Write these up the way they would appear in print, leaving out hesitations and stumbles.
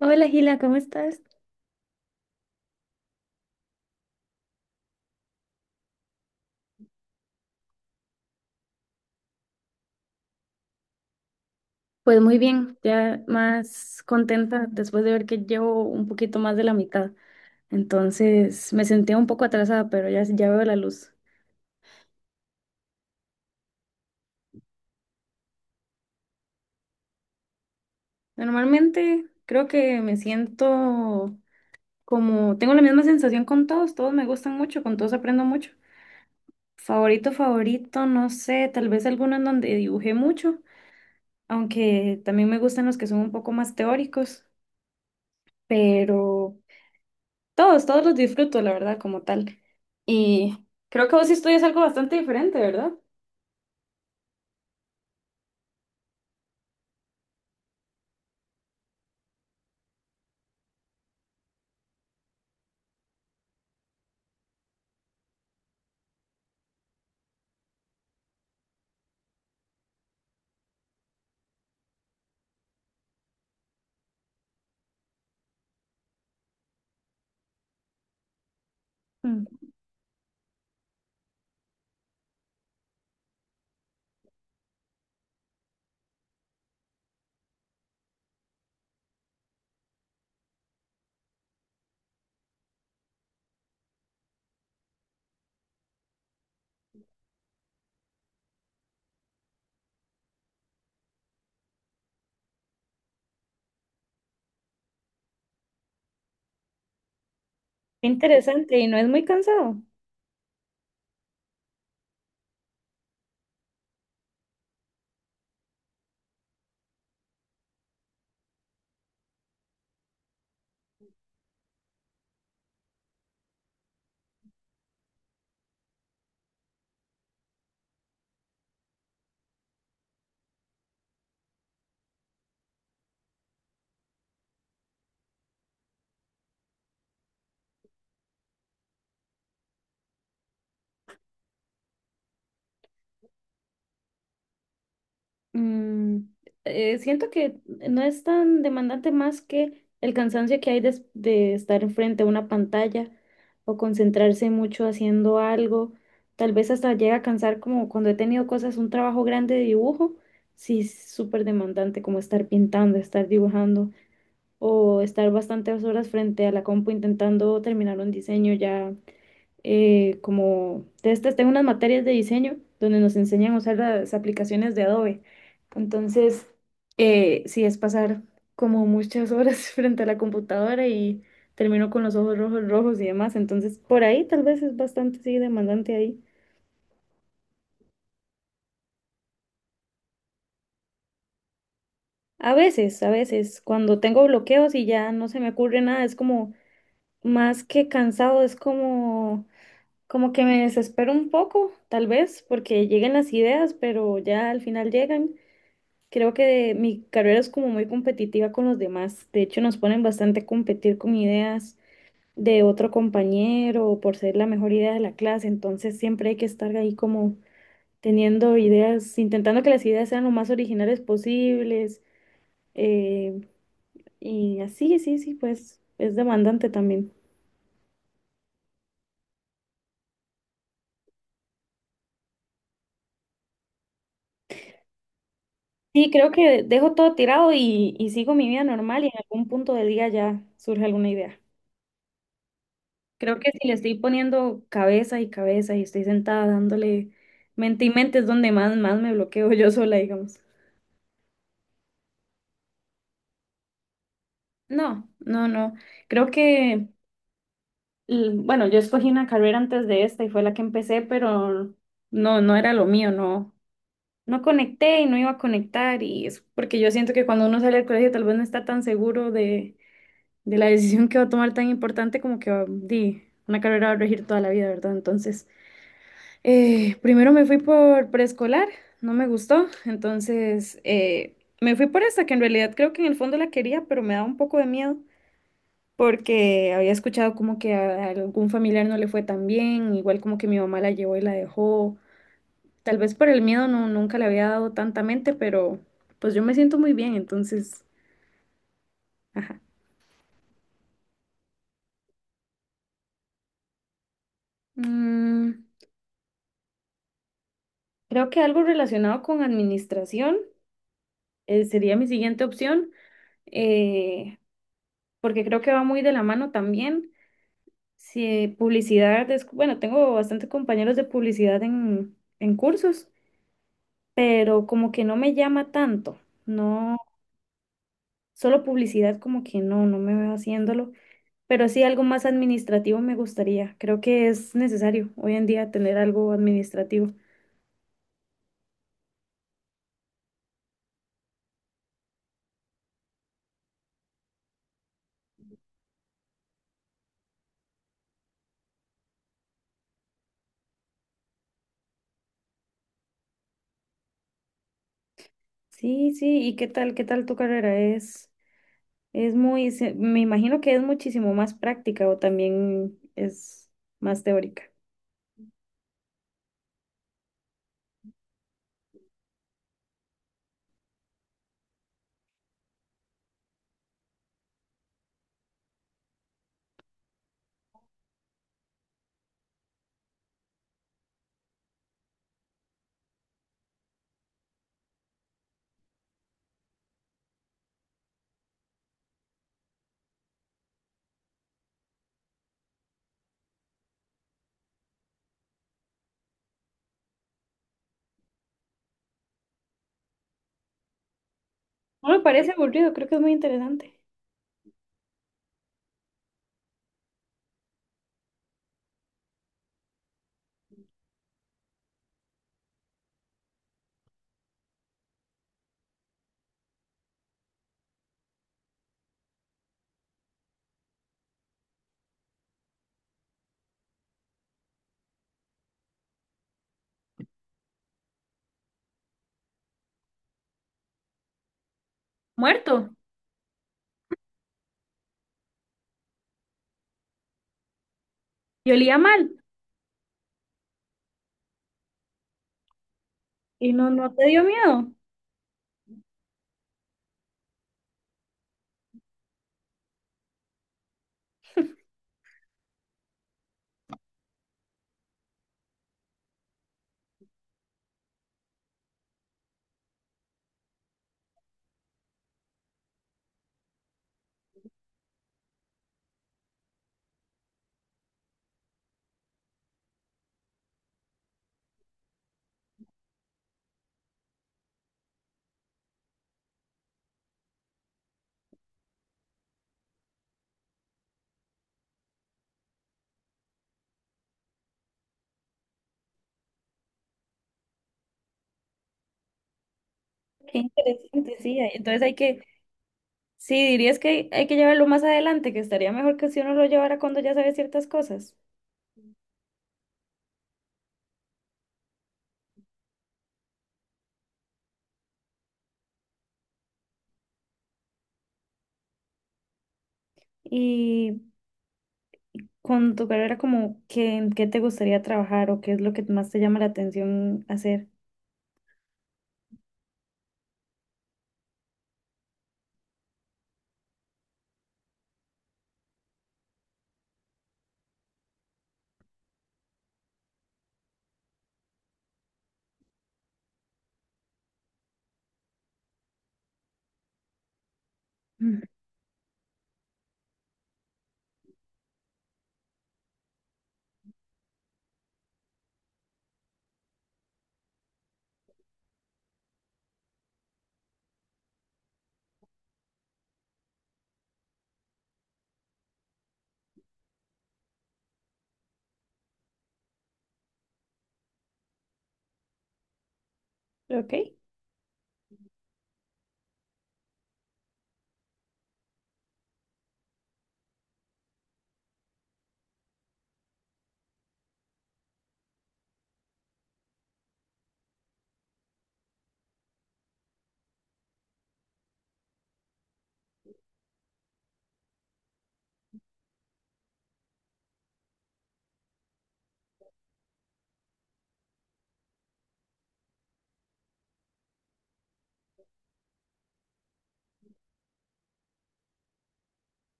Hola Gila, ¿cómo estás? Pues muy bien, ya más contenta después de ver que llevo un poquito más de la mitad. Entonces me sentía un poco atrasada, pero ya, ya veo la luz. Normalmente creo que me siento como, tengo la misma sensación con todos, todos me gustan mucho, con todos aprendo mucho. Favorito, favorito, no sé, tal vez alguno en donde dibujé mucho, aunque también me gustan los que son un poco más teóricos, pero... Todos, todos los disfruto, la verdad, como tal. Y creo que vos sí estudias algo bastante diferente, ¿verdad? Mm, qué interesante. ¿Y no es muy cansado? Mm, Siento que no es tan demandante más que el cansancio que hay de estar enfrente a una pantalla o concentrarse mucho haciendo algo. Tal vez hasta llega a cansar como cuando he tenido cosas, un trabajo grande de dibujo. Sí, es súper demandante como estar pintando, estar dibujando, o estar bastantes horas frente a la compu intentando terminar un diseño ya. Como de estas tengo unas materias de diseño donde nos enseñan a usar las aplicaciones de Adobe. Entonces, sí, es pasar como muchas horas frente a la computadora y termino con los ojos rojos, rojos y demás. Entonces, por ahí tal vez es bastante, sí, demandante ahí. A veces, cuando tengo bloqueos y ya no se me ocurre nada, es como más que cansado, es como... Como que me desespero un poco, tal vez, porque llegan las ideas, pero ya al final llegan. Creo que mi carrera es como muy competitiva con los demás. De hecho, nos ponen bastante a competir con ideas de otro compañero o por ser la mejor idea de la clase. Entonces, siempre hay que estar ahí como teniendo ideas, intentando que las ideas sean lo más originales posibles. eh, y así, sí, sí, pues es demandante también. Sí, creo que dejo todo tirado y sigo mi vida normal y en algún punto del día ya surge alguna idea. Creo que si le estoy poniendo cabeza y cabeza y estoy sentada dándole mente y mente es donde más, más me bloqueo yo sola, digamos. No, no, no. Creo que, bueno, yo escogí una carrera antes de esta y fue la que empecé, pero no, no era lo mío, no. No conecté y no iba a conectar y es porque yo siento que cuando uno sale del colegio tal vez no está tan seguro de la decisión que va a tomar tan importante como que di, una carrera va a regir toda la vida, ¿verdad? Entonces, primero me fui por preescolar, no me gustó, entonces me fui por esa, que en realidad creo que en el fondo la quería, pero me daba un poco de miedo porque había escuchado como que a algún familiar no le fue tan bien, igual como que mi mamá la llevó y la dejó. Tal vez por el miedo no, nunca le había dado tanta mente, pero pues yo me siento muy bien, entonces, ajá. Mm, creo que algo relacionado con administración. Sería mi siguiente opción, eh, porque creo que va muy de la mano también. Si publicidad, bueno, tengo bastantes compañeros de publicidad en cursos, pero como que no me llama tanto, no, solo publicidad como que no, no me veo haciéndolo, pero sí algo más administrativo me gustaría. Creo que es necesario hoy en día tener algo administrativo. Sí, sí, ¿y qué tal tu carrera es? Es muy, me imagino que es muchísimo más práctica o también es más teórica. No me parece aburrido, creo que es muy interesante. Muerto. Y olía mal. ¿Y no, no te dio miedo? Qué interesante, sí. Entonces hay que, sí, dirías que hay que llevarlo más adelante, que estaría mejor que si uno lo llevara cuando ya sabe ciertas cosas. Y con tu carrera, como, ¿qué, en qué te gustaría trabajar o qué es lo que más te llama la atención hacer? Mm. Ok.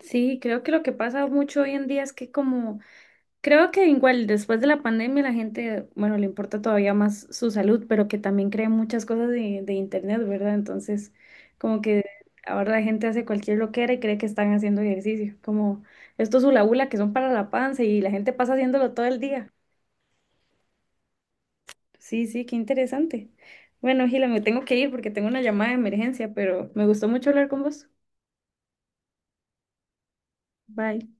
Sí, creo que lo que pasa mucho hoy en día es que como... Creo que igual después de la pandemia la gente, bueno, le importa todavía más su salud, pero que también cree muchas cosas de internet, ¿verdad? Entonces, como que ahora la gente hace cualquier loquera y cree que están haciendo ejercicio, como estos hula hula que son para la panza y la gente pasa haciéndolo todo el día. Sí, sí, qué interesante. Bueno, Gila, me tengo que ir porque tengo una llamada de emergencia, pero me gustó mucho hablar con vos. Bye.